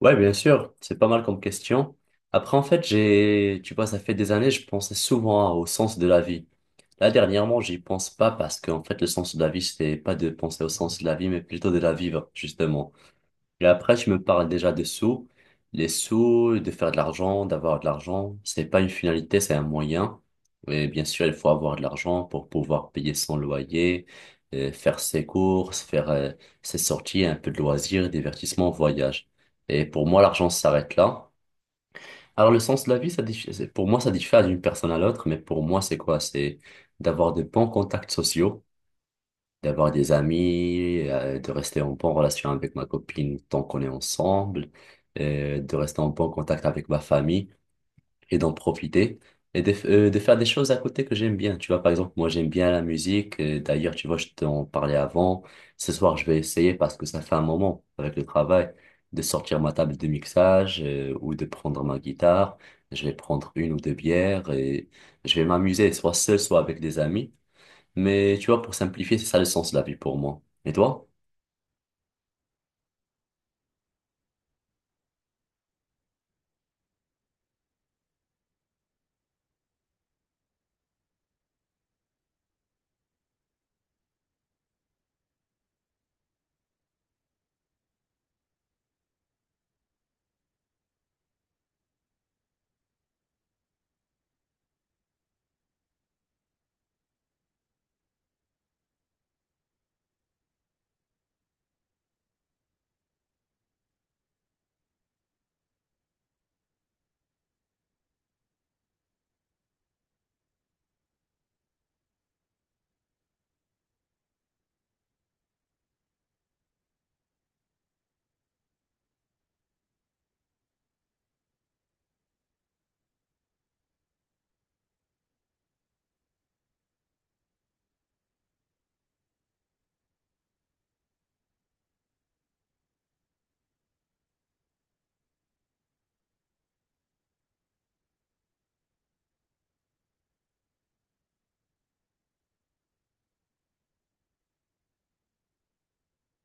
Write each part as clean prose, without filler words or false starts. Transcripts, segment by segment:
Ouais, bien sûr, c'est pas mal comme question. Après, en fait, ça fait des années, je pensais souvent au sens de la vie. Là, dernièrement, j'y pense pas parce qu'en fait, le sens de la vie, c'était pas de penser au sens de la vie, mais plutôt de la vivre, justement. Et après, tu me parles déjà des sous. Les sous, de faire de l'argent, d'avoir de l'argent, c'est pas une finalité, c'est un moyen. Et bien sûr, il faut avoir de l'argent pour pouvoir payer son loyer, faire ses courses, faire ses sorties, un peu de loisirs, divertissement, voyage. Et pour moi, l'argent s'arrête là. Alors, le sens de la vie, ça diffère, pour moi, ça diffère d'une personne à l'autre, mais pour moi, c'est quoi? C'est d'avoir de bons contacts sociaux, d'avoir des amis, de rester en bonne relation avec ma copine tant qu'on est ensemble, de rester en bon contact avec ma famille et d'en profiter et de faire des choses à côté que j'aime bien. Tu vois, par exemple, moi j'aime bien la musique. D'ailleurs, tu vois, je t'en parlais avant. Ce soir, je vais essayer, parce que ça fait un moment avec le travail, de sortir ma table de mixage ou de prendre ma guitare. Je vais prendre une ou deux bières et je vais m'amuser, soit seul, soit avec des amis. Mais tu vois, pour simplifier, c'est ça le sens de la vie pour moi. Et toi?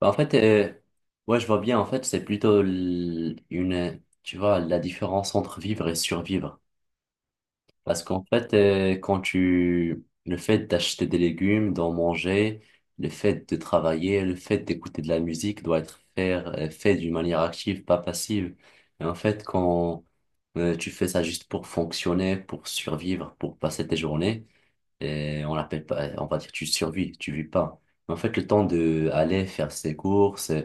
Bah, en fait, ouais, je vois bien, en fait, c'est plutôt une, tu vois, la différence entre vivre et survivre. Parce qu'en fait, quand tu, le fait d'acheter des légumes, d'en manger, le fait de travailler, le fait d'écouter de la musique doit être faire, fait d'une manière active, pas passive. Et en fait, quand tu fais ça juste pour fonctionner, pour survivre, pour passer tes journées, et on l'appelle pas, on va dire tu survis, tu vis pas. Mais en fait, le temps de aller faire ses courses,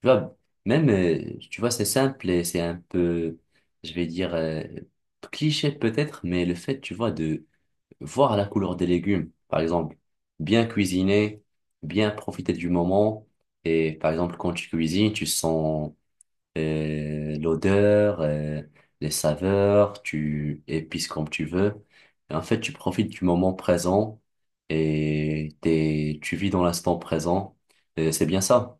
tu vois, même, tu vois, c'est simple et c'est un peu, je vais dire, cliché peut-être, mais le fait, tu vois, de voir la couleur des légumes, par exemple, bien cuisiner, bien profiter du moment. Et par exemple, quand tu cuisines, tu sens l'odeur, les saveurs, tu épices comme tu veux. Et en fait, tu profites du moment présent et t'es, tu vis dans l'instant présent. Et c'est bien ça.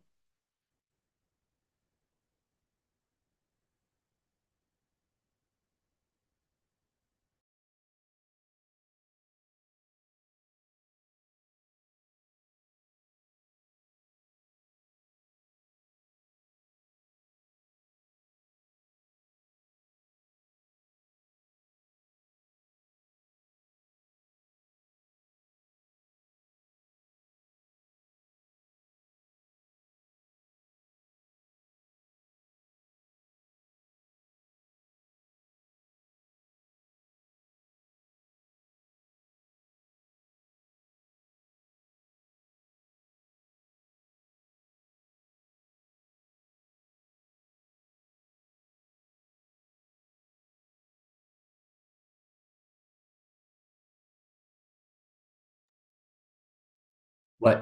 Ouais,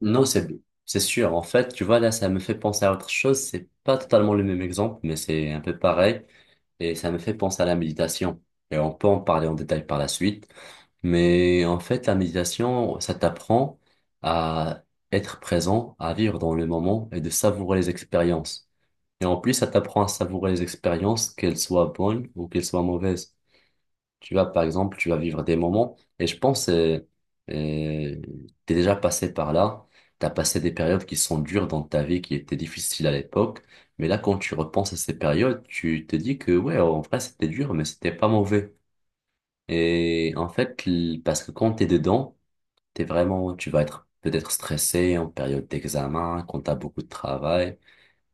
non, c'est sûr. En fait, tu vois, là, ça me fait penser à autre chose. C'est pas totalement le même exemple, mais c'est un peu pareil. Et ça me fait penser à la méditation. Et on peut en parler en détail par la suite. Mais en fait, la méditation, ça t'apprend à être présent, à vivre dans le moment et de savourer les expériences. Et en plus, ça t'apprend à savourer les expériences, qu'elles soient bonnes ou qu'elles soient mauvaises. Tu vas, par exemple, tu vas vivre des moments, et je pense, euh, t'es déjà passé par là, t'as passé des périodes qui sont dures dans ta vie, qui étaient difficiles à l'époque, mais là, quand tu repenses à ces périodes, tu te dis que, ouais, en vrai, c'était dur, mais c'était pas mauvais. Et en fait, parce que quand t'es dedans, t'es vraiment, tu vas être peut-être stressé en période d'examen, quand t'as beaucoup de travail,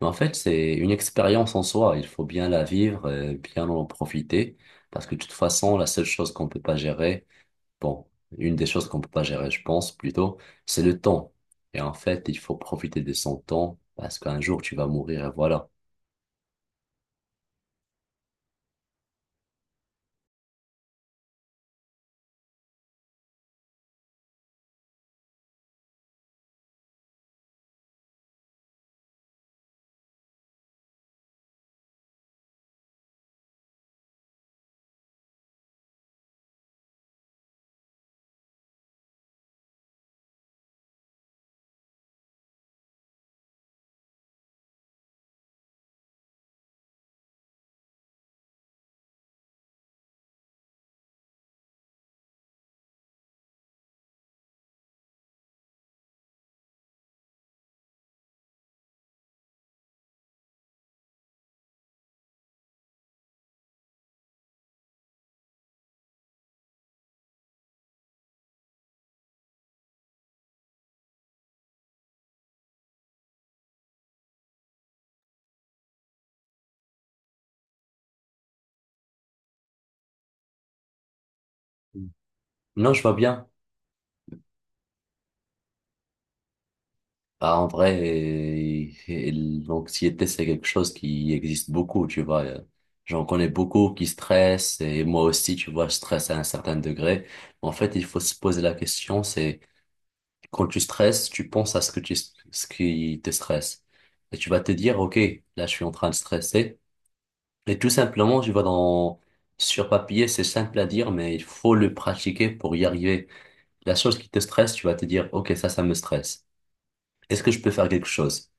mais en fait, c'est une expérience en soi. Il faut bien la vivre, et bien en profiter. Parce que de toute façon, la seule chose qu'on peut pas gérer, bon, une des choses qu'on peut pas gérer, je pense plutôt, c'est le temps. Et en fait, il faut profiter de son temps parce qu'un jour, tu vas mourir et voilà. Mm. Non, je vois bien. Bah, en vrai, et l'anxiété, c'est quelque chose qui existe beaucoup, tu vois. J'en connais beaucoup qui stressent et moi aussi, tu vois, je stresse à un certain degré. En fait, il faut se poser la question, c'est: quand tu stresses, tu penses à ce que ce qui te stresse. Et tu vas te dire, OK, là, je suis en train de stresser. Et tout simplement, sur papier, c'est simple à dire, mais il faut le pratiquer pour y arriver. La chose qui te stresse, tu vas te dire, OK, ça me stresse. Est-ce que je peux faire quelque chose?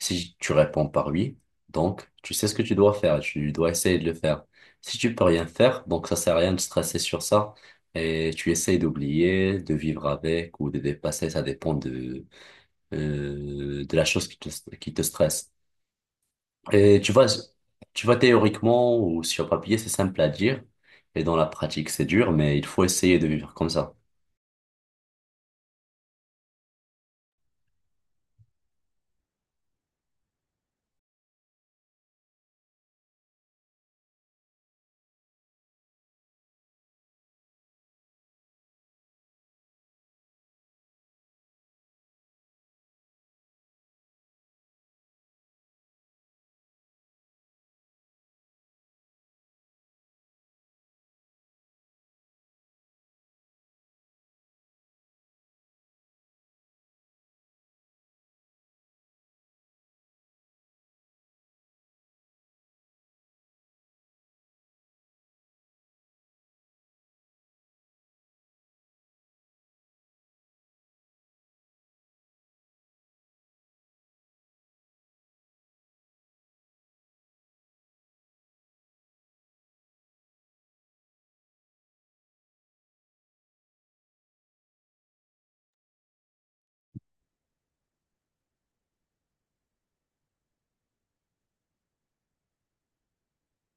Si tu réponds par oui, donc tu sais ce que tu dois faire, tu dois essayer de le faire. Si tu peux rien faire, donc ça sert à rien de stresser sur ça et tu essayes d'oublier, de vivre avec ou de dépasser, ça dépend de la chose qui te stresse. Et tu vois, théoriquement ou sur papier, c'est simple à dire. Et dans la pratique, c'est dur, mais il faut essayer de vivre comme ça.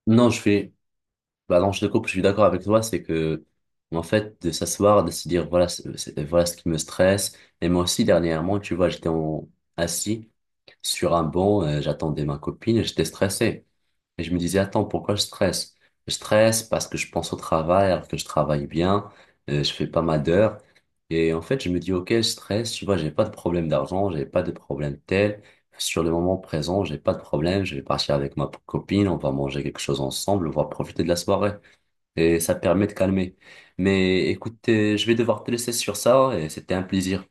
Non, je suis, bah non, je te coupe, je suis d'accord avec toi, c'est que, en fait, de s'asseoir, de se dire, voilà, voilà ce qui me stresse. Et moi aussi, dernièrement, tu vois, assis sur un banc, j'attendais ma copine et j'étais stressé. Et je me disais, attends, pourquoi je stresse? Je stresse parce que je pense au travail, alors que je travaille bien, je fais pas mal d'heures. Et en fait, je me dis, ok, je stresse, tu vois, j'ai pas de problème d'argent, j'ai pas de problème tel. Sur le moment présent, j'ai pas de problème, je vais partir avec ma copine, on va manger quelque chose ensemble, on va profiter de la soirée. Et ça permet de calmer. Mais écoute, je vais devoir te laisser sur ça et c'était un plaisir.